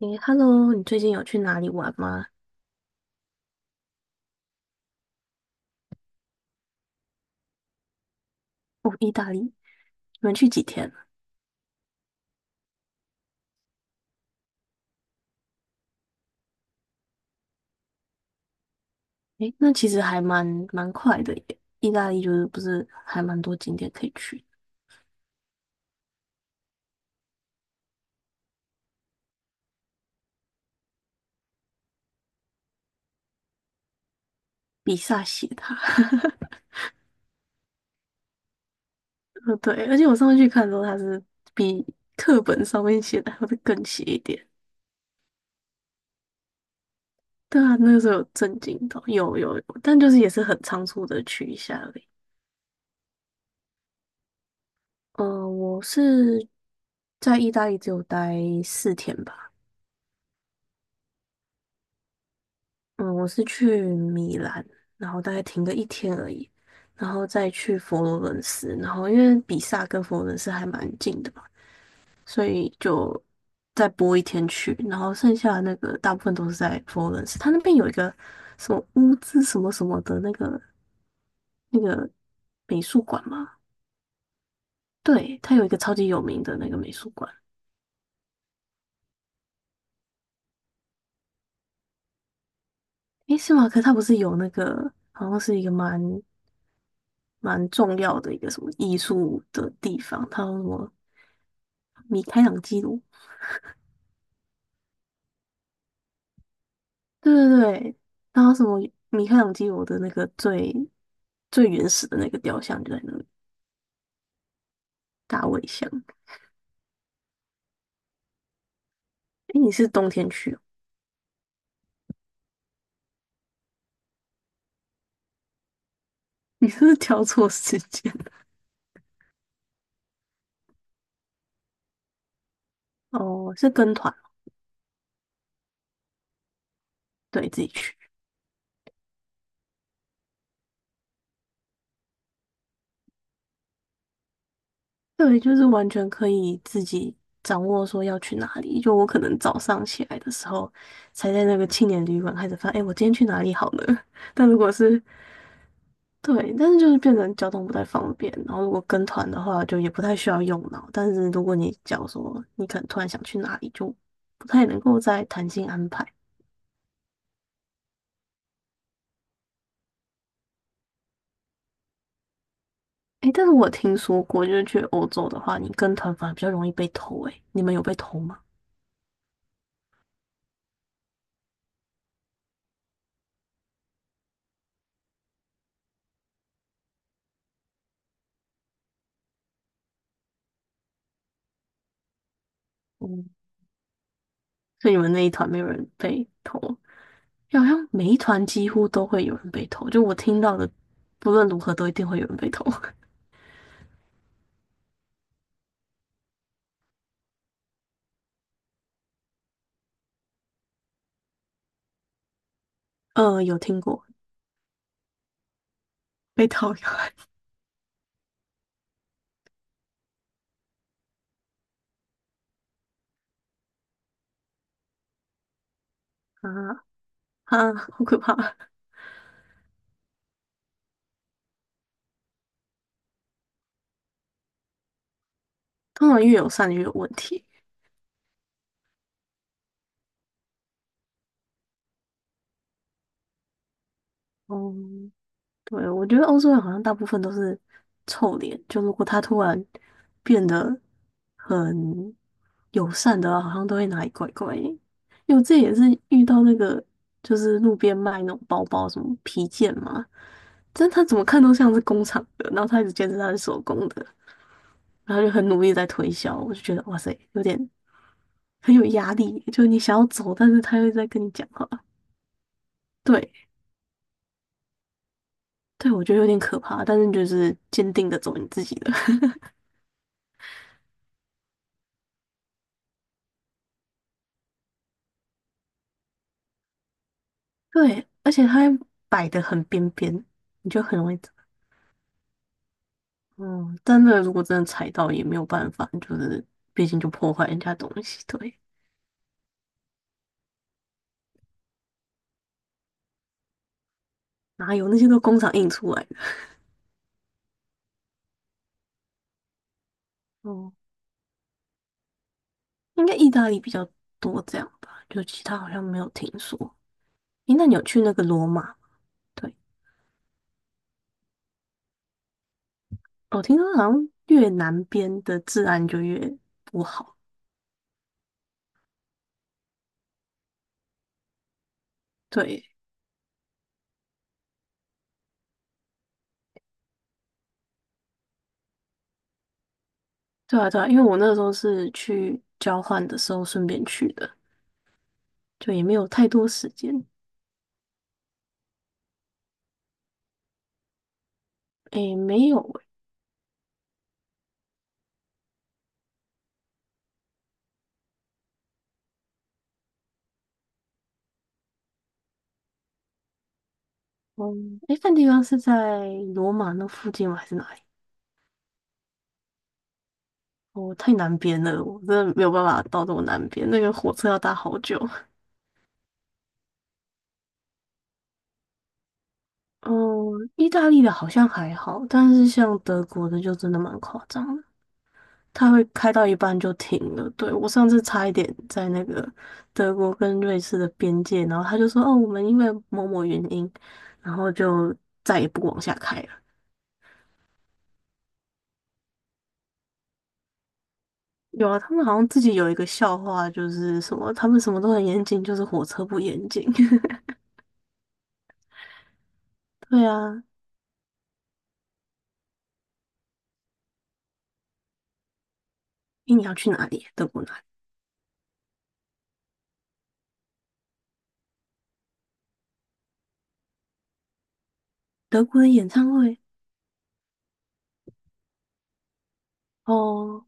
诶，Hello，你最近有去哪里玩吗？哦，意大利，你们去几天啊？诶，那其实还蛮快的耶。意大利就是不是还蛮多景点可以去，比萨斜塔。哦对，而且我上次去看的时候，它是比课本上面写的还会更斜一点。对啊，那个时候有震惊到，有有有，但就是也是很仓促的去一下而已。嗯、我是在意大利只有待4天吧。嗯，我是去米兰，然后大概停个一天而已，然后再去佛罗伦斯，然后因为比萨跟佛罗伦斯还蛮近的嘛，所以就再播一天去，然后剩下的那个大部分都是在佛罗伦斯，它那边有一个什么乌兹什么什么的那个美术馆嘛。对，它有一个超级有名的那个美术馆。诶，是吗？可它不是有那个好像是一个蛮重要的一个什么艺术的地方，它有什么米开朗基罗，对对对，然后什么米开朗基罗的那个最原始的那个雕像就在那里，大卫像。诶，你是冬天去哦，你是不是挑错时间？哦，是跟团哦。对，自己去。对，就是完全可以自己掌握说要去哪里。就我可能早上起来的时候，才在那个青年旅馆开始发，哎，我今天去哪里好呢？但如果是对，但是就是变成交通不太方便，然后如果跟团的话，就也不太需要用脑。但是如果你假如说你可能突然想去哪里，就不太能够在弹性安排。诶，但是我听说过，就是去欧洲的话，你跟团反而比较容易被偷。诶，你们有被偷吗？嗯，所以你们那一团没有人被偷，好像每一团几乎都会有人被偷。就我听到的，不论如何都一定会有人被偷。有听过被偷有。 啊啊，好可怕！通常越友善越有问题。哦，对，我觉得欧洲人好像大部分都是臭脸，就如果他突然变得很友善的话，好像都会哪里怪怪的。因为这也是遇到那个，就是路边卖那种包包，什么皮件嘛，但他怎么看都像是工厂的，然后他一直坚持他是手工的，然后就很努力地在推销，我就觉得哇塞，有点很有压力，就你想要走，但是他又在跟你讲话。对，对，我觉得有点可怕，但是就是坚定的走你自己的。对，而且它还摆的很边边，你就很容易。嗯，但那个如果真的踩到也没有办法，就是毕竟就破坏人家东西。对，哪有那些都工厂印出来的？哦、应该意大利比较多这样吧，就其他好像没有听说。诶，那你有去那个罗马吗？对，我听说好像越南边的治安就越不好。对，对啊，对啊，因为我那时候是去交换的时候顺便去的，就也没有太多时间。诶，没有诶。嗯，诶，那地方是在罗马那附近吗？还是哪里？哦，太南边了，我真的没有办法到这么南边，那个火车要搭好久。嗯，意大利的好像还好，但是像德国的就真的蛮夸张的。它会开到一半就停了。对，我上次差一点在那个德国跟瑞士的边界，然后他就说：“哦，我们因为某某原因，然后就再也不往下开了。”有啊，他们好像自己有一个笑话，就是什么他们什么都很严谨，就是火车不严谨。对啊，诶你要去哪里？德国哪里？德国的演唱会？哦，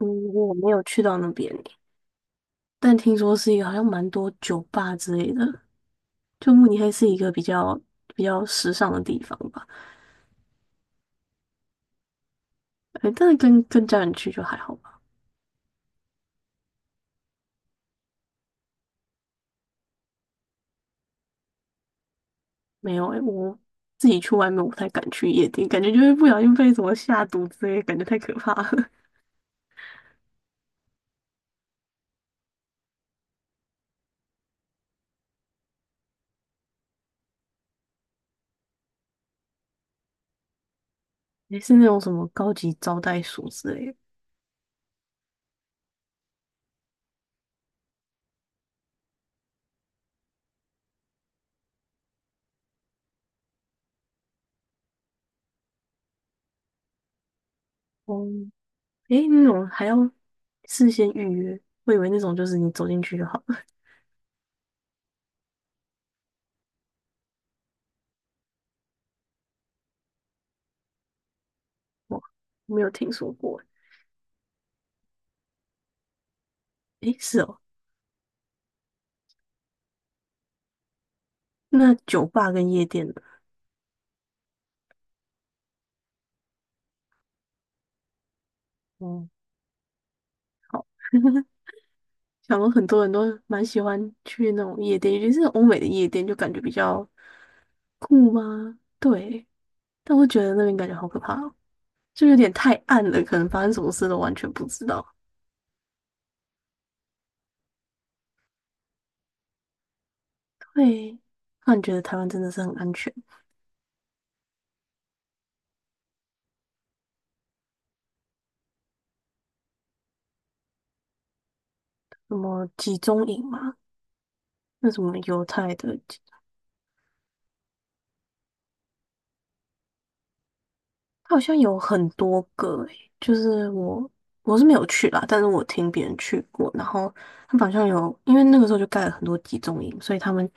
嗯，我没有去到那边耶，但听说是一个好像蛮多酒吧之类的。就慕尼黑是一个比较时尚的地方吧。哎，但是跟家人去就还好吧。没有诶、我自己去外面我不太敢去夜店，感觉就会不小心被什么下毒之类的，感觉太可怕了。也是那种什么高级招待所之类的。哦、哎，那种还要事先预约，我以为那种就是你走进去就好了。哇，没有听说过。诶、哎是哦，那酒吧跟夜店呢？嗯，好，想说很多人都蛮喜欢去那种夜店，尤其是欧美的夜店，就感觉比较酷吗？对。但我觉得那边感觉好可怕哦，就有点太暗了，可能发生什么事都完全不知道。对，那你觉得台湾真的是很安全？什么集中营嘛？那什么犹太的集，它好像有很多个诶，就是我是没有去啦，但是我听别人去过，然后他们好像有，因为那个时候就盖了很多集中营，所以他们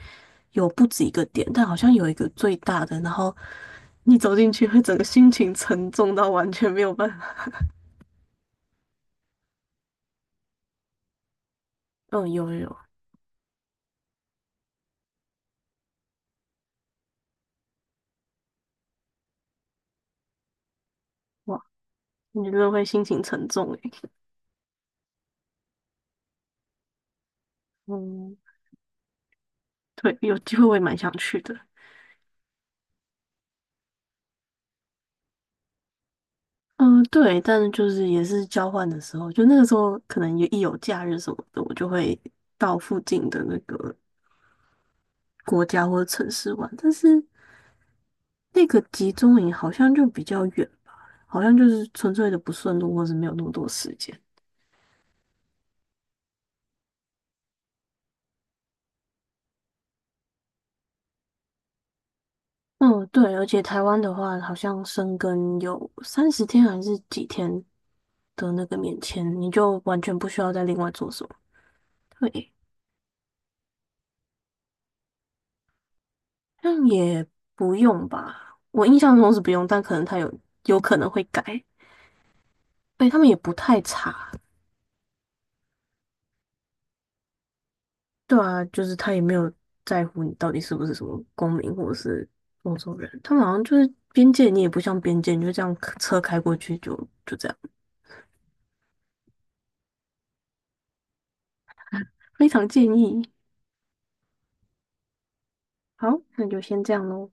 有不止一个点，但好像有一个最大的，然后你走进去会整个心情沉重到完全没有办法。嗯，有有有。我你真的会心情沉重诶。嗯，对，有机会我也蛮想去的。嗯，对，但是就是也是交换的时候，就那个时候可能也一有假日什么的，我就会到附近的那个国家或者城市玩。但是那个集中营好像就比较远，好像就是纯粹的不顺路，或是没有那么多时间。嗯，对，而且台湾的话，好像生根有30天还是几天的那个免签，你就完全不需要再另外做什么。对，那也不用吧，我印象中是不用，但可能他有可能会改。对，他们也不太查，对啊，就是他也没有在乎你到底是不是什么公民或者是欧洲人，他们好像就是边界，你也不像边界，你就这样车开过去就就这样，非常建议。好，那就先这样喽。